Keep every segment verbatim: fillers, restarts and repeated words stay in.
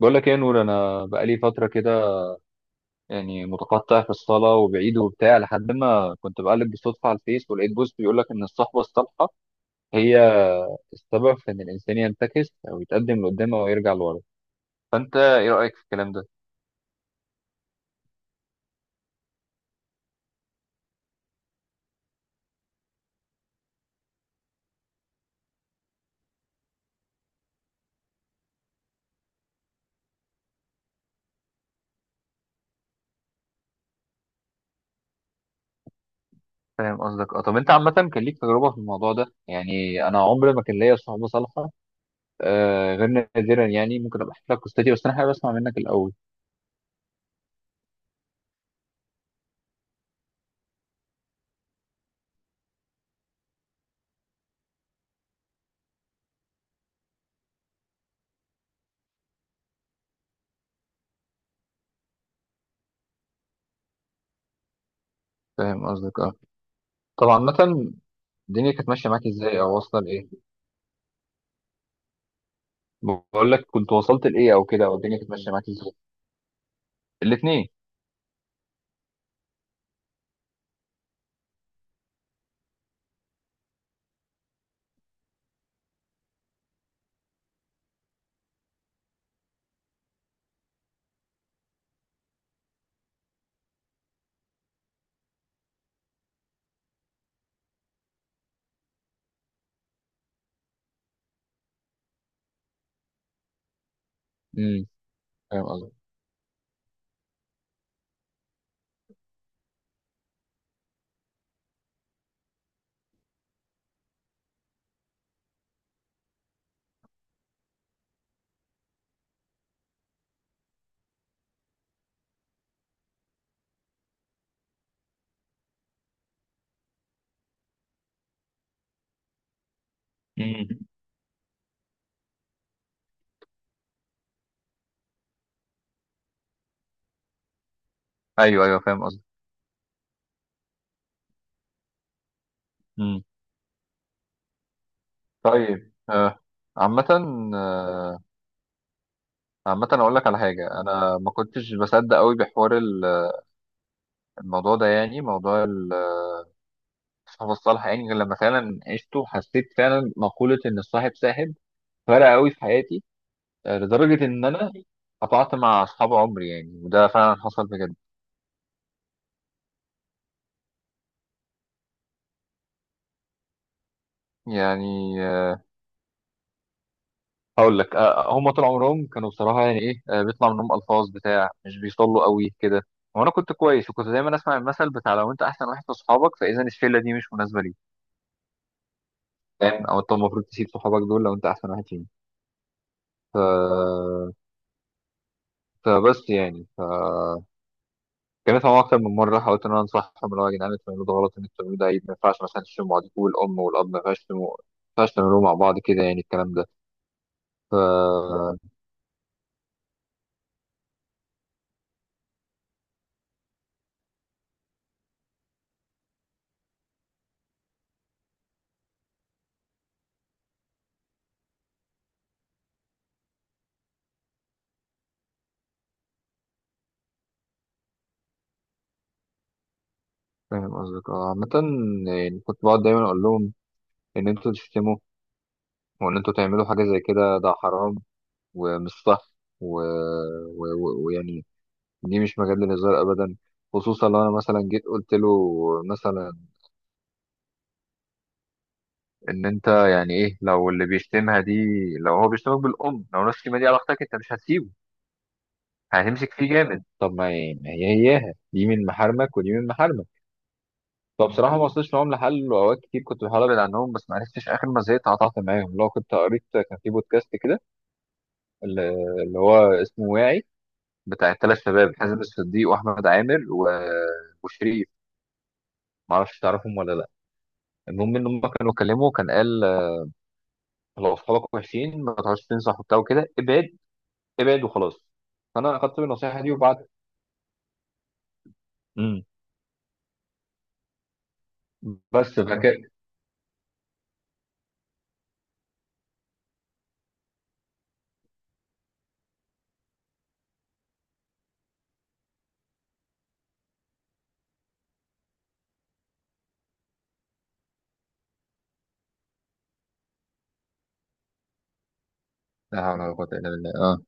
بقول لك ايه يا نور، انا بقالي فتره كده يعني متقطع في الصلاه وبعيد وبتاع، لحد ما كنت بقلب بالصدفه على الفيس ولقيت بوست بيقول لك ان الصحبه الصالحه هي السبب في ان الانسان ينتكس او يتقدم لقدام او يرجع لورا. فانت ايه رايك في الكلام ده؟ فاهم قصدك. اه، طب انت عامه كان ليك تجربه في الموضوع ده؟ يعني انا عمري ما كان ليا صحبه صالحه آه غير نادرا. يعني ممكن ابقى احكي لك قصتي، بس انا حابب اسمع منك الاول. فاهم قصدك. اه، طب عامه الدنيا كانت ماشيه معاك ازاي او واصله لايه؟ بقول لك، كنت وصلت لايه او كده، او الدنيا كانت ماشيه معاك ازاي؟ الاثنين. امم فاهم قصدي. امم ايوه، ايوه، فاهم قصدي. امم طيب، آه. عامة آه، عامة أقول لك على حاجة. أنا ما كنتش بصدق أوي بحوار ال- الموضوع ده، يعني موضوع ال- الصحاب الصالحة، يعني غير لما فعلا عشته. حسيت فعلا مقولة إن الصاحب ساحب، فرق أوي في حياتي، آه، لدرجة إن أنا قطعت مع أصحاب عمري يعني، وده فعلا حصل بجد. يعني آه، هقول لك. آه، هم طول عمرهم كانوا بصراحه يعني ايه، آه، بيطلع منهم الفاظ بتاع مش بيصلوا قوي كده. وانا كنت كويس، وكنت دايما اسمع المثل بتاع لو انت احسن واحد في صحابك فاذا الشله دي مش مناسبه ليك، فاهم، او انت المفروض تسيب صحابك دول لو انت احسن واحد فيهم. ف... فبس يعني ف كانت معايا اكتر من مره، حاولت ان انا انصحهم، اللي هو يا جدعان انتوا بتعملوا ده غلط، ان انتوا بتعملوا ده عيب، ما ينفعش مثلا تشتموا بعضكم والام والاب، ما ينفعش تشتموا، ما ينفعش تعملوا مع بعض كده يعني، الكلام ده. ف فاهم قصدك. اه، عامة يعني كنت بقعد دايما اقول لهم ان انتوا تشتموا وان انتوا تعملوا حاجه زي كده، ده حرام ومش صح، ويعني و- و- و- ويعني دي مش مجال للهزار ابدا. خصوصا لو انا مثلا جيت قلت له مثلا ان انت يعني ايه، لو اللي بيشتمها دي، لو هو بيشتمك بالام، لو نفس الكلمه دي على اختك، انت مش هتسيبه؟ هتمسك فيه جامد. طب ما هي ما هي هياها دي من محارمك ودي من محارمك. فبصراحه ما وصلتش معاهم لحل، واوقات كتير كنت بحاول ابعد عنهم بس ما عرفتش، اخر ما زهقت قطعت معاهم. لو كنت قريت، كان في بودكاست كده اللي اللي هو اسمه واعي، بتاع الثلاث شباب حازم الصديق واحمد عامر و... وشريف، ما اعرفش تعرفهم ولا لا. المهم ان هم كانوا كلموا، كان قال لو اصحابك وحشين ما تقعدش تنصح وبتاع وكده، ابعد ابعد وخلاص. فانا اخدت النصيحه دي، وبعد امم بس فكده. لا حول ولا قوه الا بالله. اه،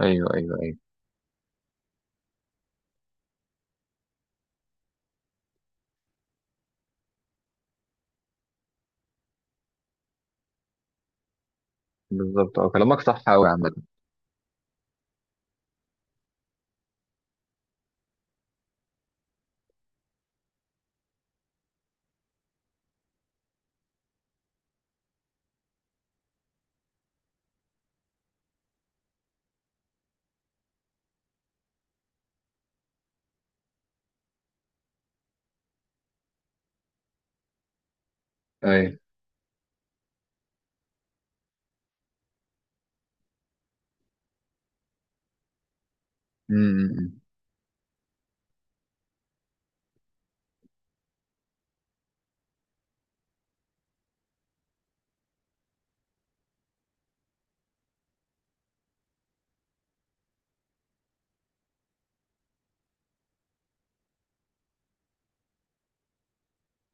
ايوه، ايوه، ايوه، بالظبط. اه، كلامك صح قوي عامه. ايوه. امم امم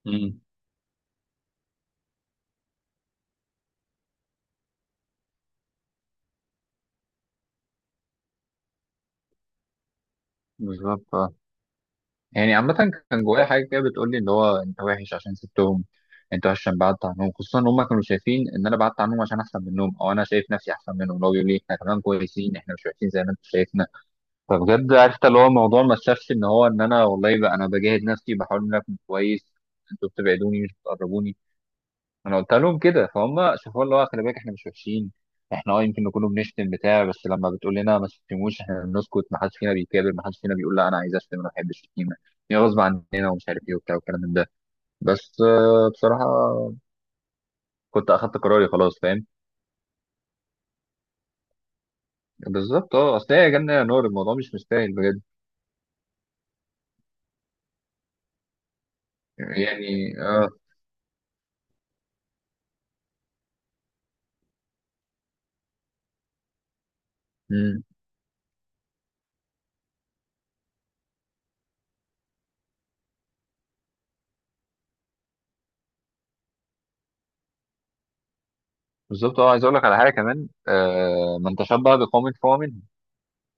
أمم. بالظبط. يعني عامة كان جوايا حاجة كده بتقول لي اللي هو أنت وحش عشان سبتهم، أنت وحش عشان بعدت عنهم، خصوصا إن هما كانوا شايفين إن أنا بعدت عنهم عشان أحسن منهم، أو أنا شايف نفسي أحسن منهم، اللي هو بيقول لي إحنا كمان كويسين، إحنا مش وحشين زي ما أنت شايفنا. فبجد عرفت اللي هو الموضوع ما شافش إن هو إن أنا والله بقى أنا بجاهد نفسي، بحاول إن أنا أكون كويس. أنتوا بتبعدوني مش بتقربوني. انا قلت لهم كده فهم شافوا، اللي هو خلي بالك احنا مش وحشين، احنا اه يمكن نكون بنشتم بتاع بس لما بتقول لنا ما تشتموش احنا بنسكت، ما حدش فينا بيكابر، ما حدش فينا بيقول لا انا عايز اشتم، انا ما بحبش الشتيمه، هي غصب عننا ومش عارف ايه وبتاع والكلام من ده. بس آه، بصراحه كنت اخدت قراري خلاص، فاهم. بالظبط. اه، اصل هي يا جنه يا نار، الموضوع مش مستاهل بجد. يعني اه. مم. بالظبط. اه، عايز اقول لك على حاجه كمان. آه، من تشبه بقوم فهو منهم.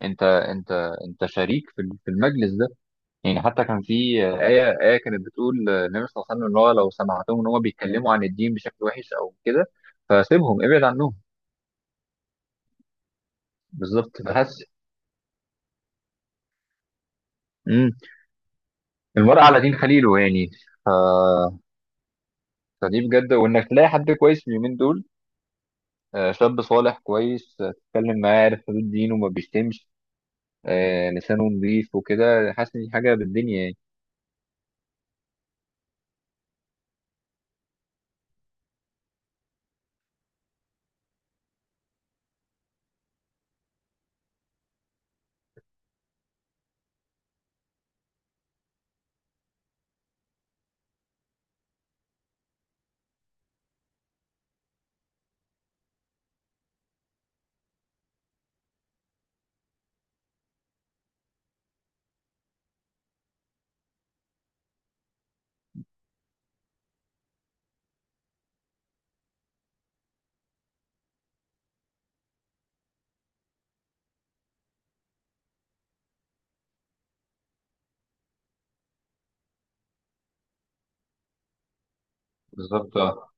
انت انت انت شريك في في المجلس ده. يعني حتى كان في آية آية كانت بتقول النبي صلى الله عليه وسلم إن هو لو سمعتهم إن هو بيتكلموا عن الدين بشكل وحش أو كده فسيبهم، ابعد عنهم. بالظبط. بس امم المرء على دين خليله يعني. ف... فدي بجد، وإنك تلاقي حد كويس اليومين دول، آه، شاب صالح كويس، آه، تتكلم معاه عارف حدود دينه وما بيشتمش، آه، لسانه نظيف وكده، حاسس إن دي حاجة بالدنيا يعني. بالظبط، آه.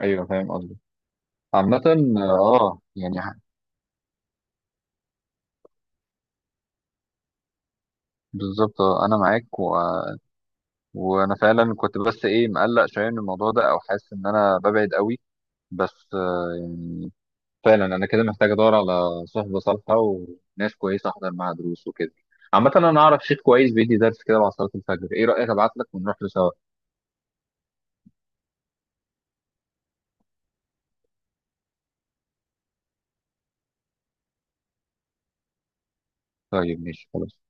أيوه، فاهم قصدي. عامة آه آه، يعني ح- بالظبط. آه، أنا معاك. وانا فعلا كنت بس ايه مقلق شويه من الموضوع ده، او حاسس ان انا ببعد قوي. بس آه، يعني فعلا انا كده محتاج ادور على صحبه صالحه وناس كويسه، احضر معاها دروس وكده. عامه انا اعرف شيخ كويس بيدي درس كده بعد صلاه الفجر، ايه رايك ابعت لك ونروح له سوا؟ طيب ماشي خلاص.